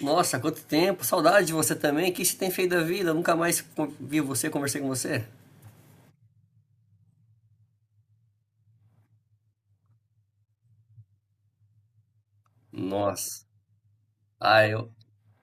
Nossa, quanto tempo, saudade de você também. O que você tem feito da vida? Nunca mais vi você, conversei com você. Nossa. Ah, eu,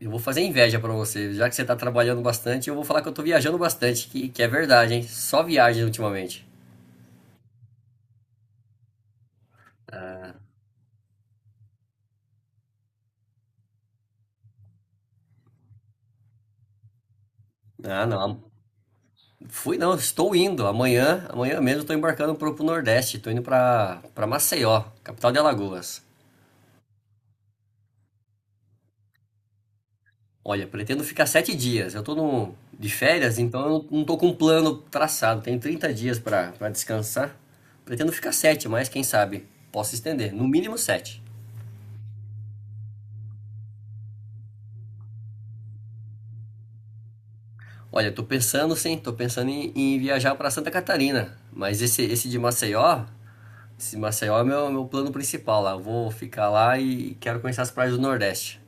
eu vou fazer inveja pra você. Já que você tá trabalhando bastante, eu vou falar que eu tô viajando bastante, que é verdade, hein? Só viagem ultimamente. Ah, não. Fui não, estou indo. Amanhã mesmo, estou embarcando pro Nordeste. Estou indo pra para Maceió, capital de Alagoas. Olha, pretendo ficar 7 dias. Eu tô no, de férias, então eu não tô com um plano traçado. Tenho 30 dias para descansar. Pretendo ficar sete, mas quem sabe posso estender. No mínimo sete. Olha, tô pensando sim, tô pensando em viajar para Santa Catarina. Mas esse de Maceió, esse Maceió é meu plano principal lá. Eu vou ficar lá e quero conhecer as praias do Nordeste.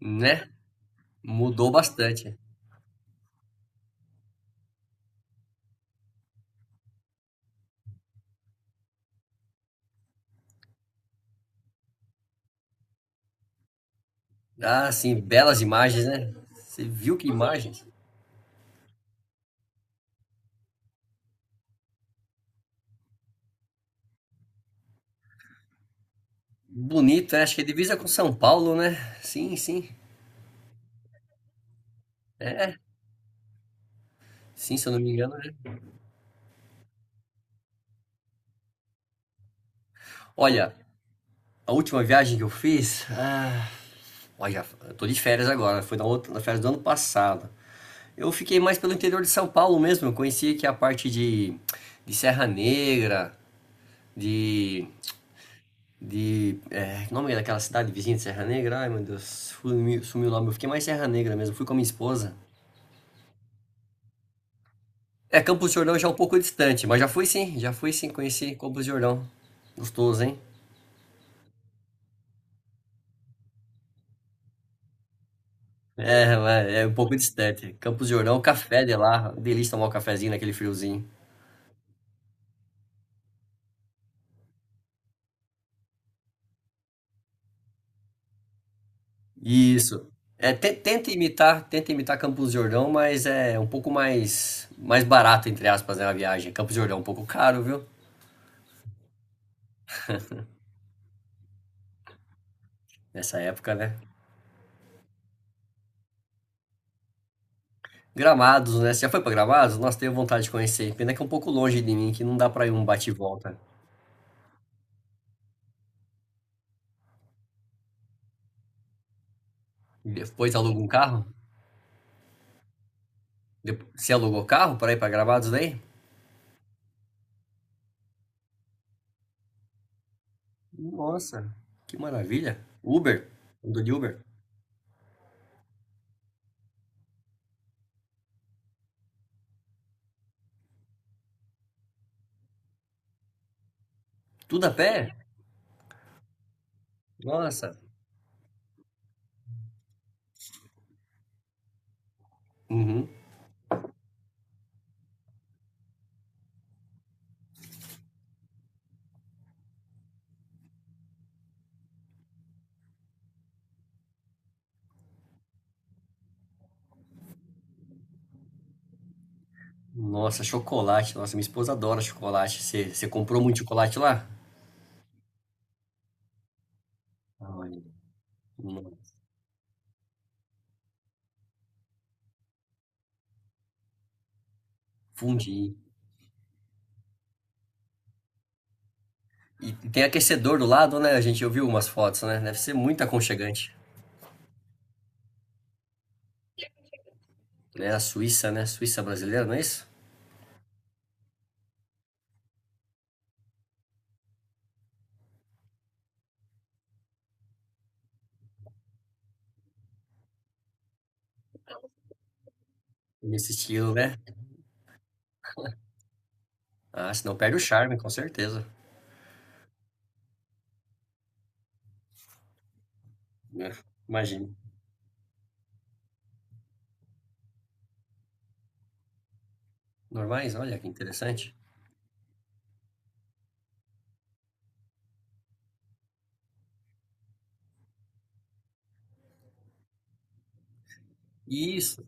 Né? Mudou bastante. Ah, sim, belas imagens, né? Você viu que imagens? Bonito, né? Acho que é divisa com São Paulo, né? Sim, sim. É, sim, se eu não me engano, né? Olha, a última viagem que eu fiz. Ah, olha, eu tô de férias agora, foi na outra, na férias do ano passado. Eu fiquei mais pelo interior de São Paulo mesmo. Eu conheci aqui de Serra Negra, de. Que nome é daquela cidade vizinha de Serra Negra? Ai, meu Deus, sumiu o nome. Eu fiquei mais Serra Negra mesmo, fui com a minha esposa. É, Campos do Jordão já é um pouco distante, mas já fui sim, conheci Campos do Jordão. Gostoso, hein? É um pouco distante. Campos de Jordão, o café de lá, delícia tomar um cafezinho naquele friozinho. Isso. É, tenta imitar Campos de Jordão, mas é um pouco mais barato entre aspas, né, a viagem. Campos de Jordão é um pouco caro, viu? Nessa época, né? Gramados, né? Você já foi pra Gramados? Nossa, tenho vontade de conhecer. Pena que é um pouco longe de mim, que não dá pra ir um bate e volta. Depois aluga um carro? Depois, você alugou carro pra ir pra Gramados daí? Nossa, que maravilha. Uber? Andou de Uber? Tudo a pé? Nossa. Uhum. Nossa, chocolate. Nossa, minha esposa adora chocolate. Você comprou muito chocolate lá? Olha, não, fundi. E tem aquecedor do lado, né? A gente ouviu umas fotos, né? Deve ser muito aconchegante. Né? A Suíça, né? Suíça brasileira, não é isso? Nesse estilo, né? Ah, senão perde o charme, com certeza. Né? Imagino. Normais, olha que interessante. E isso.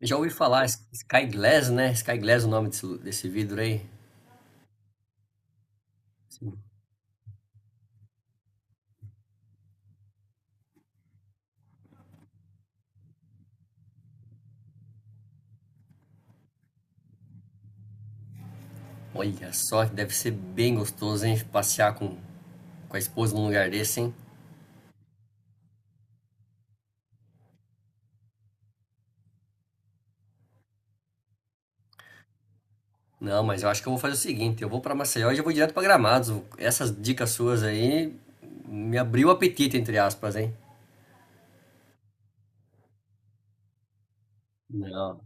Já ouvi falar, Sky Glass, né? Sky Glass é o nome desse vidro aí. Sim. Olha só, deve ser bem gostoso, hein? Passear com a esposa num lugar desse, hein? Não, mas eu acho que eu vou fazer o seguinte, eu vou para Maceió e já vou direto para Gramados. Essas dicas suas aí me abriu o apetite, entre aspas, hein? Não.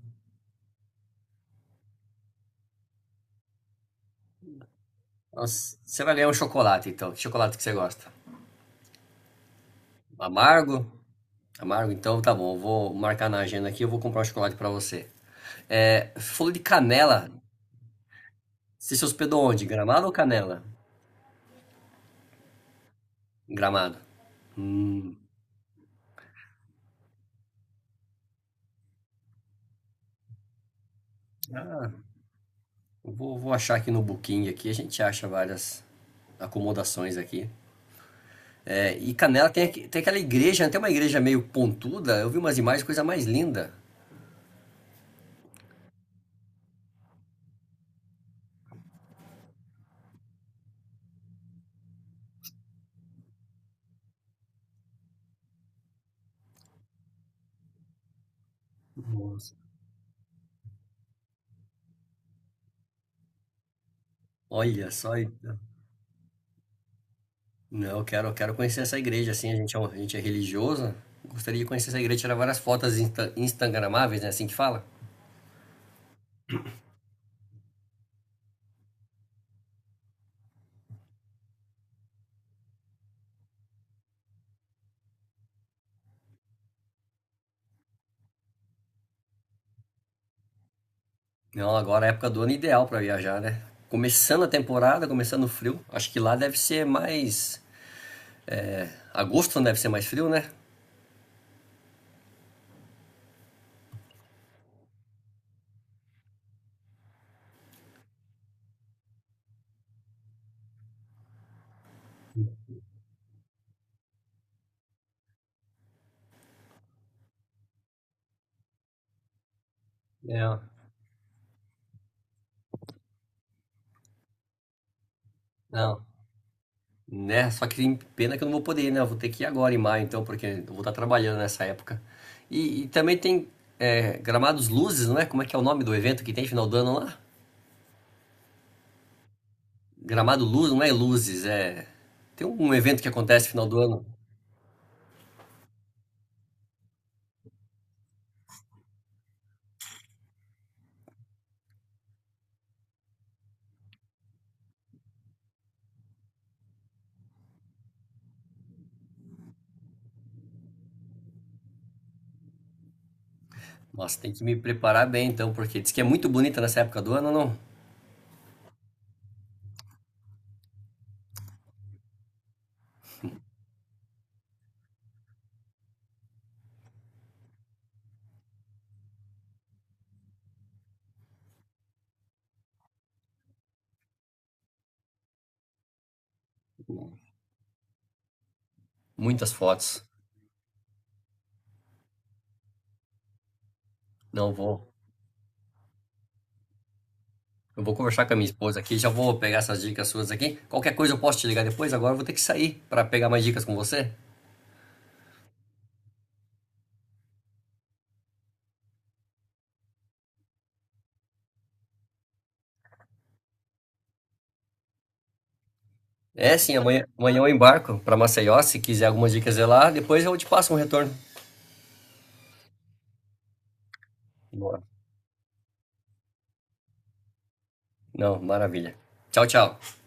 Nossa, você vai ganhar um chocolate, então. Que chocolate que você gosta? Amargo? Amargo? Então tá bom, eu vou marcar na agenda aqui, eu vou comprar um chocolate para você. É, falou de canela. Você se hospedou onde? Gramado ou Canela? Gramado. Hum. Ah, vou achar aqui no Booking aqui, a gente acha várias acomodações aqui. É, e Canela tem, tem aquela igreja, né? Tem uma igreja meio pontuda. Eu vi umas imagens, coisa mais linda. Nossa. Olha só, então. Não, eu quero conhecer essa igreja, assim, a gente é religioso. Gostaria de conhecer essa igreja, tirar várias fotos instagramáveis, né? Assim que fala. Não, agora é a época do ano ideal para viajar, né? Começando a temporada, começando o frio. Acho que lá deve ser mais. Agosto não deve ser mais frio, né? É, não. Né? Só que tem pena que eu não vou poder ir, né? Eu vou ter que ir agora em maio, então, porque eu vou estar trabalhando nessa época. E também tem Gramados Luzes, não é? Como é que é o nome do evento que tem final do ano lá? Gramado Luz, não é Luzes, é. Tem um evento que acontece final do ano. Nossa, tem que me preparar bem então, porque diz que é muito bonita nessa época do ano, não? Muitas fotos. Não vou. Eu vou conversar com a minha esposa aqui, já vou pegar essas dicas suas aqui. Qualquer coisa eu posso te ligar depois, agora eu vou ter que sair para pegar mais dicas com você. É, sim, amanhã eu embarco para Maceió, se quiser algumas dicas de lá, depois eu te passo um retorno. Boa. Não, maravilha. Tchau, tchau.